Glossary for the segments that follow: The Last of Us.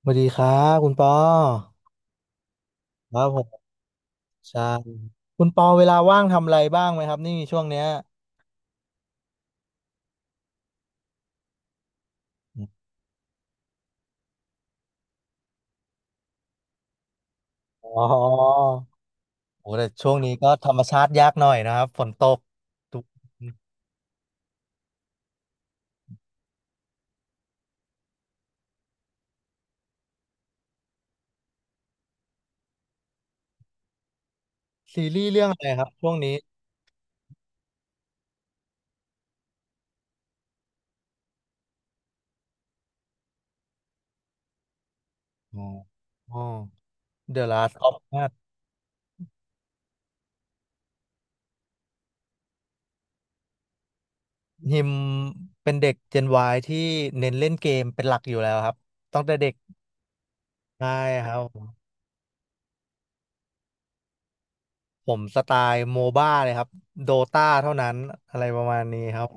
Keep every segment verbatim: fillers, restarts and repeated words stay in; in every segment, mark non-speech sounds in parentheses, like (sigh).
สวัสดีครับคุณปอครับผมใช่คุณปอเวลาว่างทำอะไรบ้างไหมครับนี่ช่วงเนี้ยอ๋อโอ้แต่ช่วงนี้ก็ธรรมชาติยากหน่อยนะครับฝนตกทุกซีรีส์เรื่องอะไรครับช่วงนี้อ๋ออ๋อ The Last of Us ฮิมเป็นเด็ก เจน วาย ที่เน้นเล่นเกมเป็นหลักอยู่แล้วครับตั้งแต่เด็กใช่ครับผมสไตล์โมบ้าเลยครับโดตาเท่านั้นอะไรประมาณนี้ครับ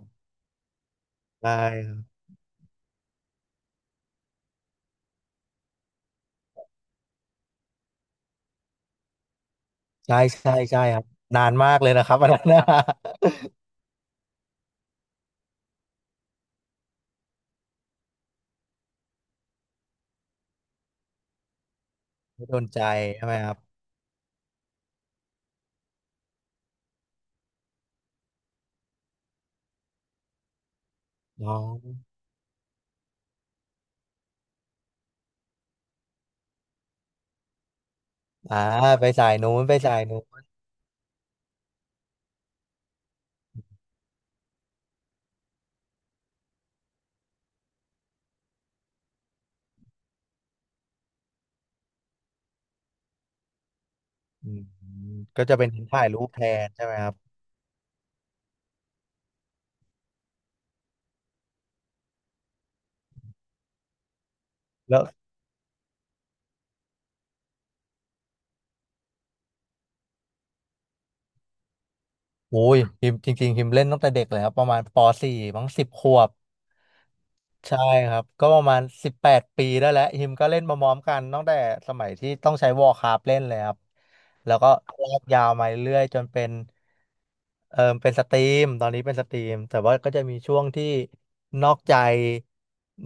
ได้ ใช่ใช่ใช่ครับนานมากเลยนะครับอันนั้นนะ (laughs) ไม่โดนใจใช่ไหมครับน้องอ่าไปสายนู้นไปสายนู้นอืมก็จะเป็นถ่ายรูปแทนใช่ไหมครับแล้ว โอ้ยฮิมจริงๆฮิมเล่นตั้งแต่เด็กเลยครับประมาณปสี่มั้งสิบขวบใช่ครับก็ประมาณสิบแปดปีได้แล้วฮิมก็เล่นมาพร้อมกันตั้งแต่สมัยที่ต้องใช้วอ อาร์ ซี คราฟเล่นเลยครับแล้วก็ลากยาวมาเรื่อยๆจนเป็นเออเป็นสตรีมตอนนี้เป็นสตรีมแต่ว่าก็จะมีช่วงที่นอกใจ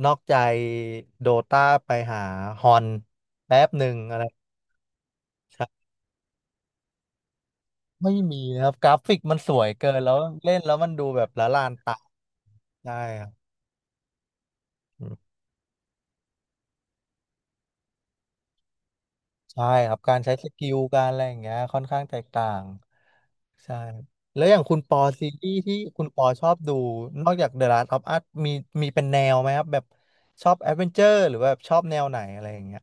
นอกใจโดตาไปหาฮอนแป๊บหนึ่งอะไรไม่มีนะครับกราฟิกมันสวยเกินแล้วเล่นแล้วมันดูแบบละลานตา ได้ครับอืมใช่ครับการใช้สกิลการอะไรอย่างเงี้ยค่อนข้างแตกต่างใช่ครับแล้วอย่างคุณปอซีรีส์ที่คุณปอชอบดูนอกจาก The Last of Us มีมีเป็นแนวไหมครับแบบชอบแอดเวนเจอร์หรือว่าแบบชอบแนวไหนอะไรอย่างเงี้ย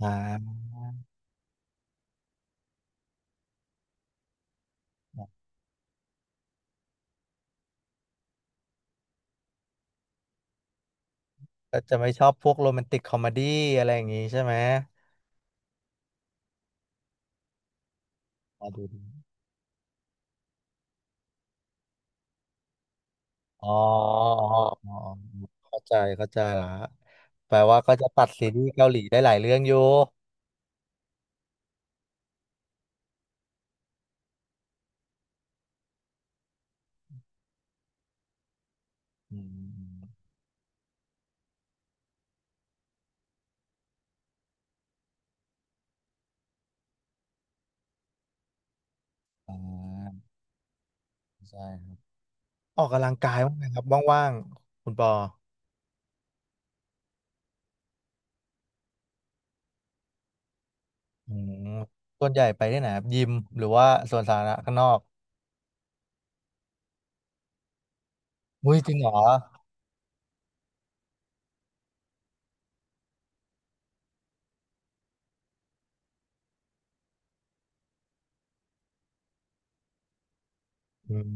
อ่าก็จะไม่ชอบพวกโรแมนติกคอมเมดี้อะไรอย่างงี้ใช่ไหมอ๋อดูดูอ๋ออ๋ออ๋อเข้าใจเข้าใจละแปลว่าก็จะตัดซีรีส์เกาหลีได้หลายเรื่องอยู่อืมอมอ่าใช่ครับ ออกกำลังกายบ้างไหมครับว่างๆคุณปออืมส่วนใหญ่ไปที่ไหนครับยิมหรือว่าสวนสาธารณะข้างนอกมุ้ยจริงเหรออืม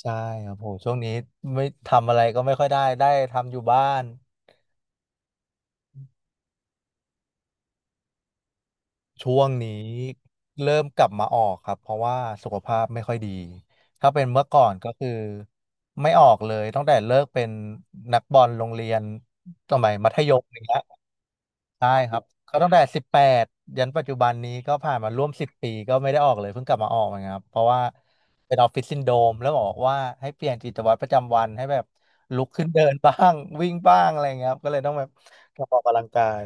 ใช่ครับโหช่วงนี้ไม่ทำอะไรก็ไม่ค่อยได้ได้ทำอยู่บ้านช่วงนี้เริ่มกลับมาออกครับเพราะว่าสุขภาพไม่ค่อยดีถ้าเป็นเมื่อก่อนก็คือไม่ออกเลยตั้งแต่เลิกเป็นนักบอลโรงเรียนสมัยมัธยมอย่างเงี้ย ใช่ครับเขาตั้งแต่สิบแปดยันปัจจุบันนี้ก็ผ่านมาร่วมสิบปีก็ไม่ได้ออกเลยเพิ่งกลับมาออกนะครับเพราะว่าเป็นออฟฟิศซินโดรมแล้วบอกว่าให้เปลี่ยนกิจวัตรประจำวันให้แบบลุกขึ้นเดินบ้าง (laughs) วิ่งบ้างอะไรเงี้ยครับก็เลยต้องแบบกลับมาออกกำลังกาย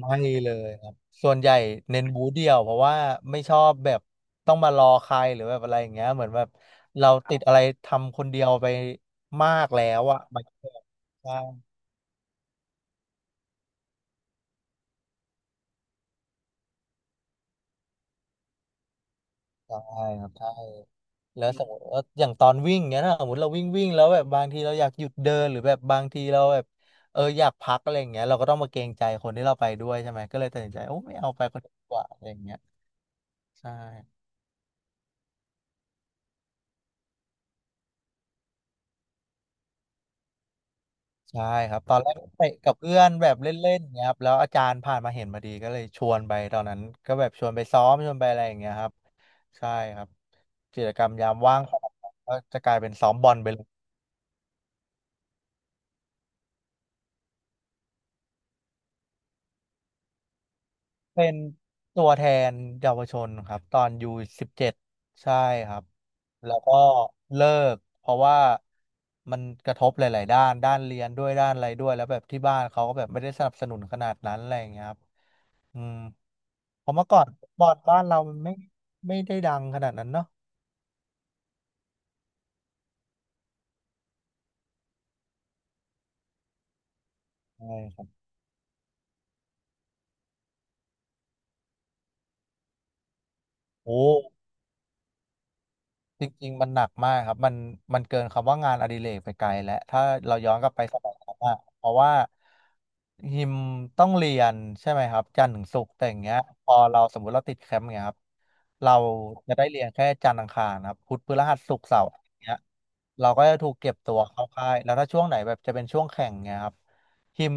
ไม่เลยครับส่วนใหญ่เน้นบูธเดียวเพราะว่าไม่ชอบแบบต้องมารอใครหรือแบบอะไรอย่างเงี้ยเหมือนแบบเราติดอะไรทำคนเดียวไปมากแล้วอะมันก็ใช่ใช่ครับใช่ แล้วสมมติว่าอย่างตอนวิ่งเนี้ยนะสมมติเราวิ่งวิ่งแล้วแบบบางทีเราอยากหยุดเดินหรือแบบบางทีเราแบบเอออยากพักอะไรอย่างเงี้ยเราก็ต้องมาเกรงใจคนที่เราไปด้วยใช่ไหมก็เลยตัดสินใจโอ้ไม่เอาไปคนเดียวดีกว่าอะไรอย่างเงี้ยใช่ใช่ครับตอนแรกไปกับเพื่อนแบบเล่นๆเงี้ยครับแล้วอาจารย์ผ่านมาเห็นมาดีก็เลยชวนไปตอนนั้นก็แบบชวนไปซ้อมชวนไปอะไรอย่างเงี้ยครับใช่ครับกิจกรรมยามว่างก็จะกลายเป็นซ้อมบอลไปเลย เป็นตัวแทนเยาวชนครับตอนยูสิบเจ็ดใช่ครับแล้วก็เลิกเพราะว่ามันกระทบหลายๆด้านด้านเรียนด้วยด้านอะไรด้วยแล้วแบบที่บ้านเขาก็แบบไม่ได้สนับสนุนขนาดนั้นอะไรอย่างเงี้ยครับอืมเพราะเมื่อก่อนบอร์ดบ้านเรามันไม่ไม่ได้ดังขนาดนั้นเนาะใช่ครับโอ้ จริงๆมันหนักมากครับมันมันเกินคำว่างานอดิเรกไปไกลแล้วถ้าเราย้อนกลับไปสมัยนั้นอะเพราะว่าฮิมต้องเรียนใช่ไหมครับจันทร์ถึงศุกร์แต่อย่างเงี้ยพอเราสมมุติเราติดแคมป์เงี้ยครับเราจะได้เรียนแค่จันทร์อังคารครับพุธพฤหัสศุกร์เสาร์อย่างเงี้ยเราก็จะถูกเก็บตัวเข้าค่ายแล้วถ้าช่วงไหนแบบจะเป็นช่วงแข่งเงี้ยครับฮิม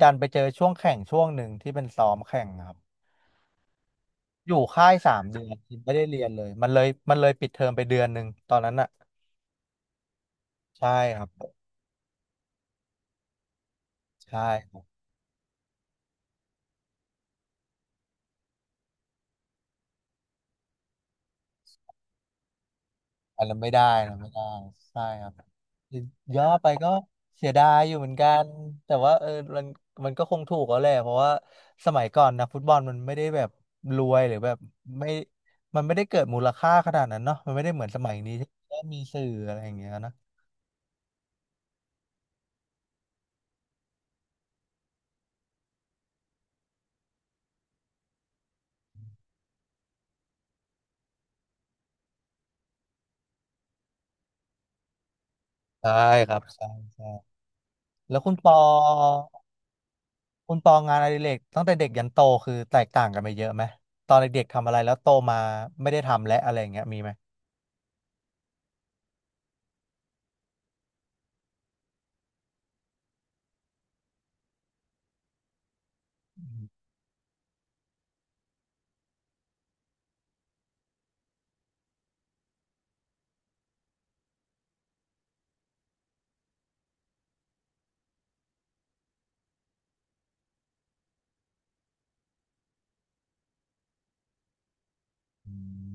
ดันไปเจอช่วงแข่งช่วงหนึ่งที่เป็นซ้อมแข่งครับอยู่ค่ายสามเดือนฮิมไม่ได้เรียนเลยมันเลยมันเลยปิดเทอมไปเดือนหนึ่งตอนนั้นอะ ใช่ครับใช่ครับอันนั้นไม่ได้นะไม่ได้ใช่ครับย่อไปก็เสียดายอยู่เหมือนกันแต่ว่าเออมันมันก็คงถูกแล้วแหละเพราะว่าสมัยก่อนนะฟุตบอลมันไม่ได้แบบรวยหรือแบบไม่มันไม่ได้เกิดมูลค่าขนาดนั้นเนาะมันไม่ได้เหมือนสมัยนี้ที่ก็มีสื่ออะไรอย่างเงี้ยนะใช่ครับใช่ใช่แล้วคุณปอคุณปองานอดิเรกตั้งแต่เด็กยันโตคือแตกต่างกันไปเยอะไหมตอนเด็กๆทำอะไรแล้วโตมาไม่ได้ทำและอะไรอย่างเงี้ยมีไหมอืม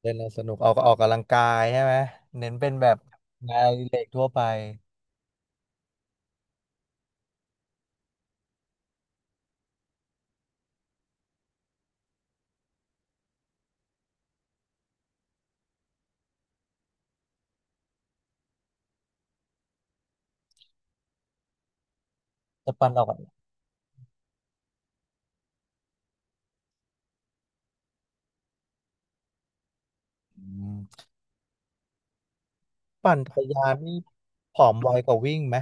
เล่นแล้วสนุกออกออกกำลังกายใช่ไหมเน้นเป็นแบบงานอดิเล็กทั่วไปจะปั่นออกกำลังอืมปั่นจักรยานนี่ผอมไวกว่าวิ่งไหม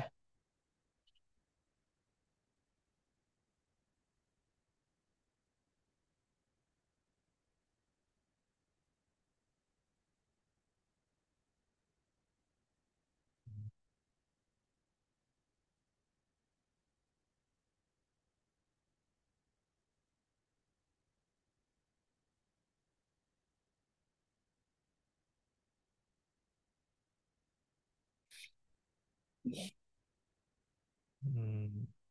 อืม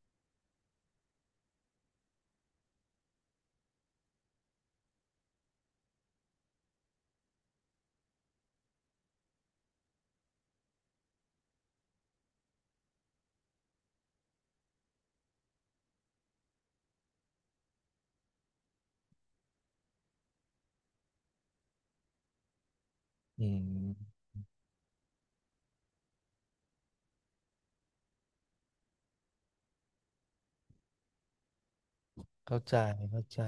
อืมเข้าใจเข้าใจ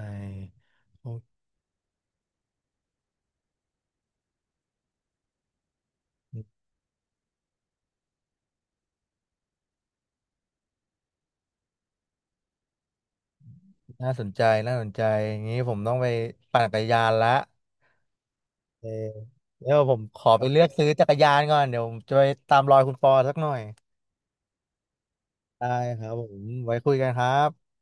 โอ้น่าสนใจน่าสนใจอย่างนี้ผมต้องไปปั่นจักรยานละเออเดี๋ยวผมขอไปเลือกซื้อจักรยานก่อนเดี๋ยวผมจะไปตามรอยคุณปอสักหน่อยได้ครับผมไว้คุยกันครับ